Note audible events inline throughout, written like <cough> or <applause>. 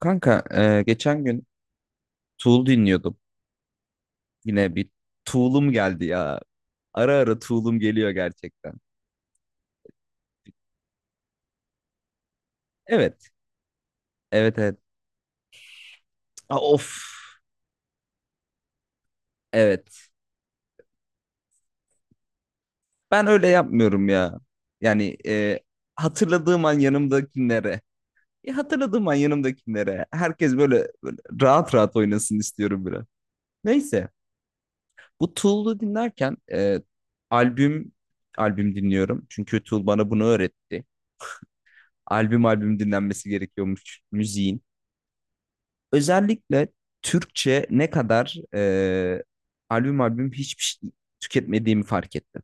Kanka, geçen gün Tool dinliyordum. Yine bir Tool'um geldi ya. Ara ara Tool'um geliyor gerçekten. Evet. Evet, evet. Aa, of. Evet. Ben öyle yapmıyorum ya. Yani hatırladığım an yanımdakilere. Ya, hatırladığım an yanımdakilere. Herkes böyle, böyle rahat rahat oynasın istiyorum biraz. Neyse. Bu Tool'u dinlerken albüm albüm dinliyorum. Çünkü Tool bana bunu öğretti. Albüm albüm dinlenmesi gerekiyormuş müziğin. Özellikle Türkçe ne kadar albüm albüm hiçbir şey tüketmediğimi fark ettim.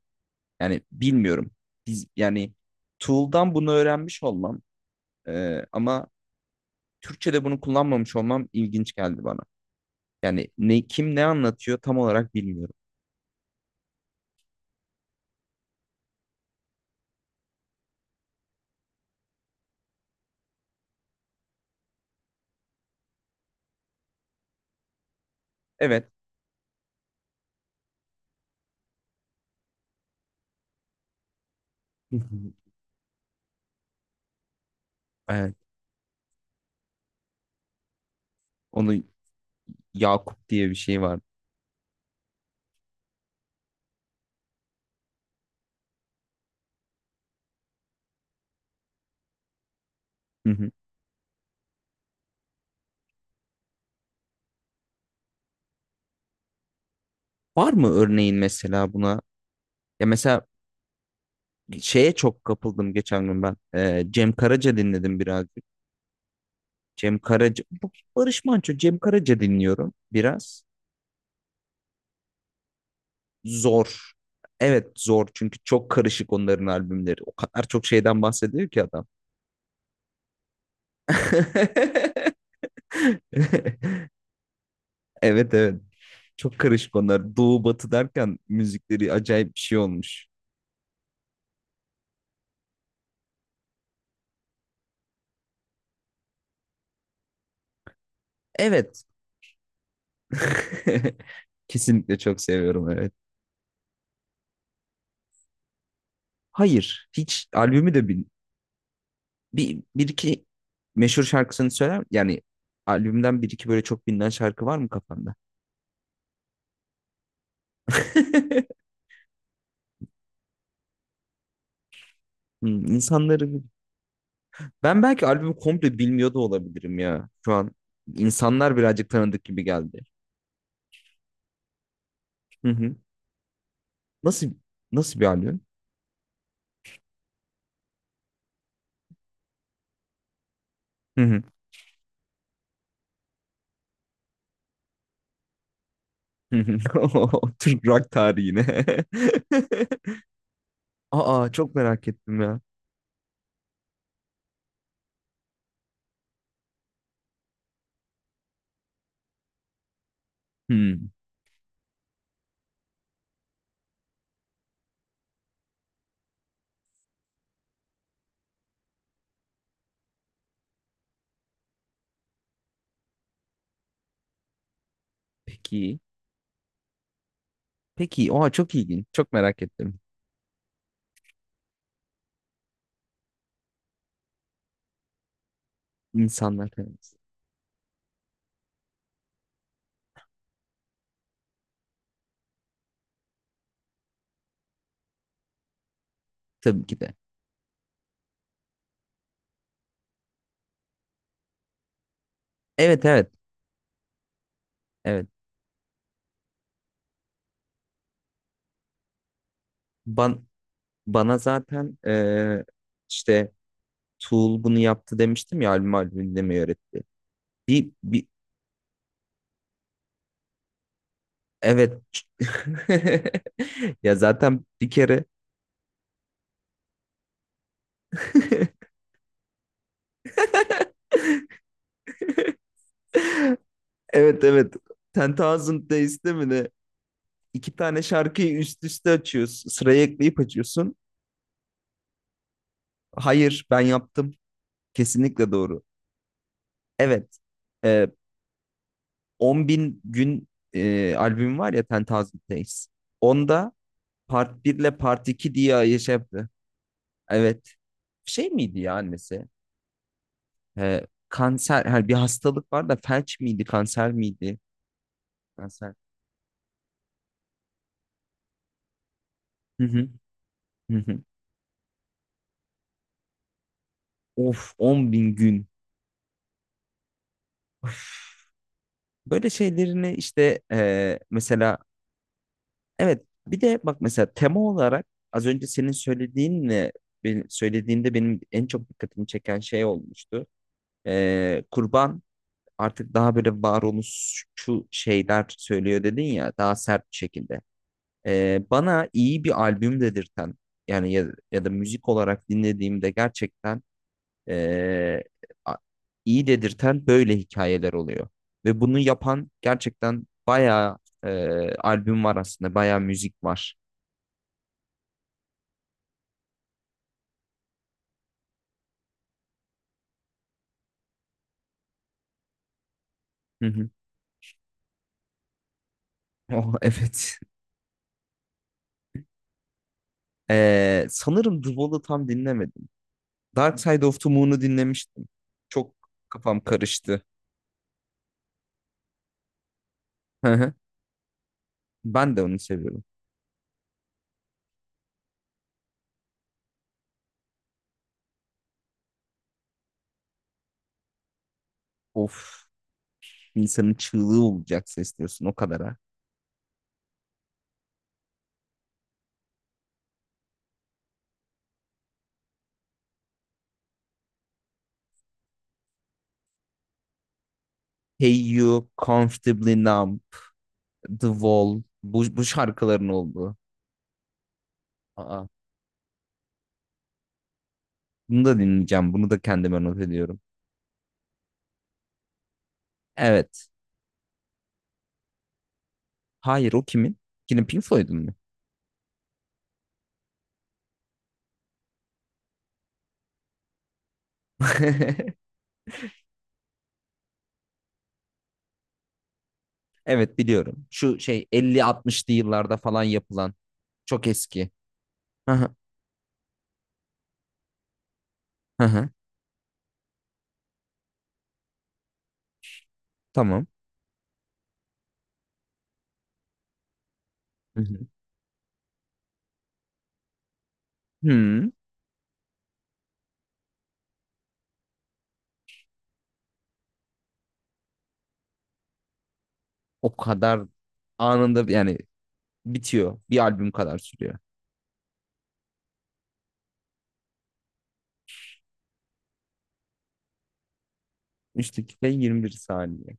Yani bilmiyorum. Biz, yani Tool'dan bunu öğrenmiş olmam, ama Türkçe'de bunu kullanmamış olmam ilginç geldi bana. Yani ne kim ne anlatıyor tam olarak bilmiyorum. Evet. <laughs> Evet. Onu Yakup diye bir şey var. Hı hı. Var mı örneğin mesela buna? Ya mesela şeye çok kapıldım geçen gün ben. Cem Karaca dinledim biraz. Cem Karaca, Barış Manço, Cem Karaca dinliyorum biraz. Zor. Evet, zor çünkü çok karışık onların albümleri. O kadar çok şeyden bahsediyor ki adam. <laughs> Evet, evet. Çok karışık onlar. Doğu batı derken müzikleri acayip bir şey olmuş. Evet. <laughs> Kesinlikle çok seviyorum, evet. Hayır. Hiç albümü de bir iki meşhur şarkısını söyler. Yani albümden bir iki böyle çok bilinen şarkı var mı kafanda? <laughs> İnsanları ben belki albümü komple bilmiyor da olabilirim ya şu an. İnsanlar birazcık tanıdık gibi geldi. Hı hı. Nasıl nasıl bir albüm? Hı hı. Hı hı. <laughs> Oo, Türk rock tarihine. <laughs> Aa, çok merak ettim ya. Hmm, peki. Peki. Oha, çok ilginç. Çok merak ettim. İnsanlar tanıdık. Tabii ki de. Evet, evet. Evet. Ban bana zaten işte Tool bunu yaptı demiştim ya, albüm albümünde mi öğretti? Bir, bir Evet. <laughs> Ya, zaten bir kere. <laughs> Evet, evet. Ten Thousand Days'te mi ne? İki tane şarkıyı üst üste açıyorsun. Sıraya ekleyip açıyorsun. Hayır, ben yaptım. Kesinlikle doğru. Evet. Ee, 10 bin gün albüm var ya, Ten Thousand Days. Onda Part 1 ile Part 2 diye şey yaptı. Evet. Şey miydi ya annesi? Kanser, her bir hastalık var da felç miydi, kanser miydi? Kanser. Hı hı. Hı hı. Of, 10 bin gün. Böyle şeylerini işte mesela. Evet, bir de bak mesela, tema olarak az önce senin söylediğinle söylediğinde benim en çok dikkatimi çeken şey olmuştu. Kurban artık daha böyle varoluşçu şeyler söylüyor dedin ya, daha sert bir şekilde. Bana iyi bir albüm dedirten, yani ya, ya da müzik olarak dinlediğimde gerçekten e, a- iyi dedirten böyle hikayeler oluyor. Ve bunu yapan gerçekten bayağı albüm var aslında, bayağı müzik var. Hı hı. <laughs> Oh, evet. Sanırım The Wall'ı tam dinlemedim. Dark Side of the Moon'u dinlemiştim. Çok kafam karıştı. Hı hı. Ben de onu seviyorum. Of, insanın çığlığı olacak ses diyorsun o kadar ha. Hey You, Comfortably Numb, The Wall, bu şarkıların olduğu. Aa, bunu da dinleyeceğim. Bunu da kendime not ediyorum. Evet. Hayır, o kimin? Yine Pink Floyd'un mu? <laughs> Evet, biliyorum. Şu şey elli 60lı yıllarda falan yapılan. Çok eski. Hı hı, hı hı. Tamam. Hı hı. Hmm, O kadar anında yani bitiyor. Bir albüm kadar sürüyor. 3 dakika 21 saniye.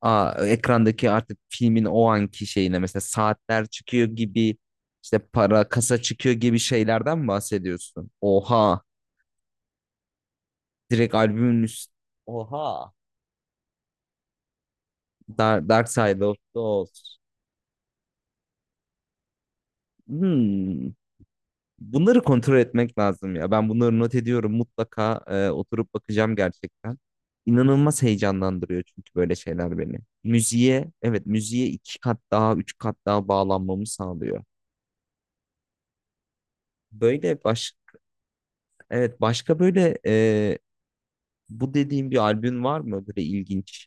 Aa, ekrandaki artık filmin o anki şeyine mesela saatler çıkıyor gibi, işte para kasa çıkıyor gibi şeylerden mi bahsediyorsun? Oha. Direkt albümün üst. Oha. Dark Side of the Oz. Hmm. Bunları kontrol etmek lazım ya. Ben bunları not ediyorum. Mutlaka oturup bakacağım gerçekten. İnanılmaz heyecanlandırıyor çünkü böyle şeyler beni. Müziğe, evet, müziğe iki kat daha, üç kat daha bağlanmamı sağlıyor. Böyle evet, başka böyle bu dediğim bir albüm var mı? Böyle ilginç.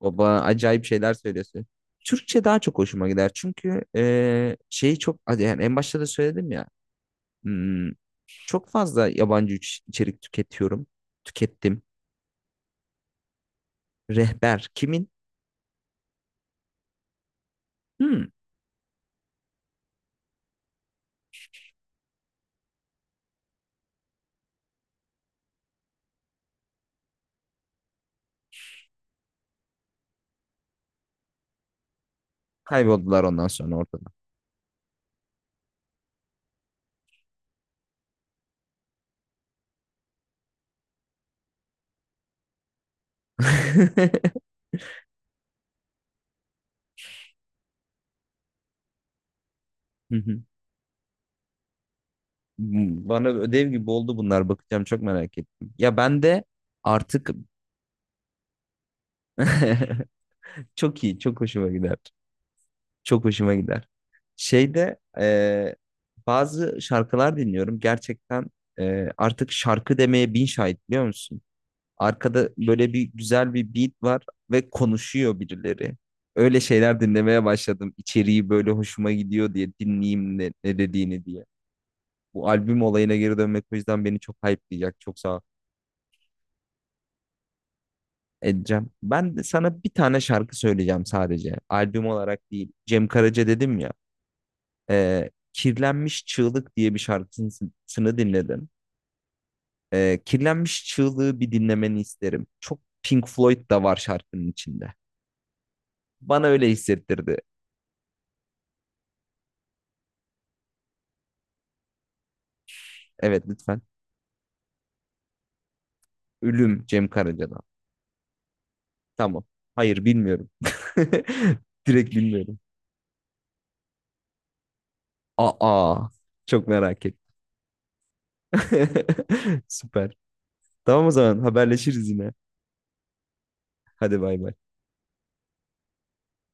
Baba, acayip şeyler söylüyorsun. Türkçe daha çok hoşuma gider. Çünkü şeyi çok hadi yani en başta da söyledim ya. hmm, Çok fazla yabancı içerik tüketiyorum. Tükettim. Rehber kimin? Hmm, Kayboldular ondan sonra ortada. <laughs> Hı hı. Bana ödev gibi oldu bunlar. Bakacağım, çok merak ettim. Ya ben de artık <laughs> çok iyi, çok hoşuma gider. Çok hoşuma gider. Şeyde bazı şarkılar dinliyorum. Gerçekten artık şarkı demeye bin şahit biliyor musun? Arkada böyle bir güzel bir beat var ve konuşuyor birileri. Öyle şeyler dinlemeye başladım. İçeriği böyle hoşuma gidiyor diye dinleyeyim ne dediğini diye. Bu albüm olayına geri dönmek o yüzden beni çok hype'layacak. Çok sağ ol. Edeceğim. Ben de sana bir tane şarkı söyleyeceğim sadece. Albüm olarak değil. Cem Karaca dedim ya. Kirlenmiş Çığlık diye bir şarkısını dinledim. Kirlenmiş Çığlığı bir dinlemeni isterim. Çok Pink Floyd da var şarkının içinde. Bana öyle hissettirdi. Evet, lütfen. Ölüm Cem Karaca'dan. Tamam. Hayır, bilmiyorum. <laughs> Direkt bilmiyorum. Aa. Çok merak ettim. <laughs> Süper. Tamam, o zaman haberleşiriz yine. Hadi bay bay.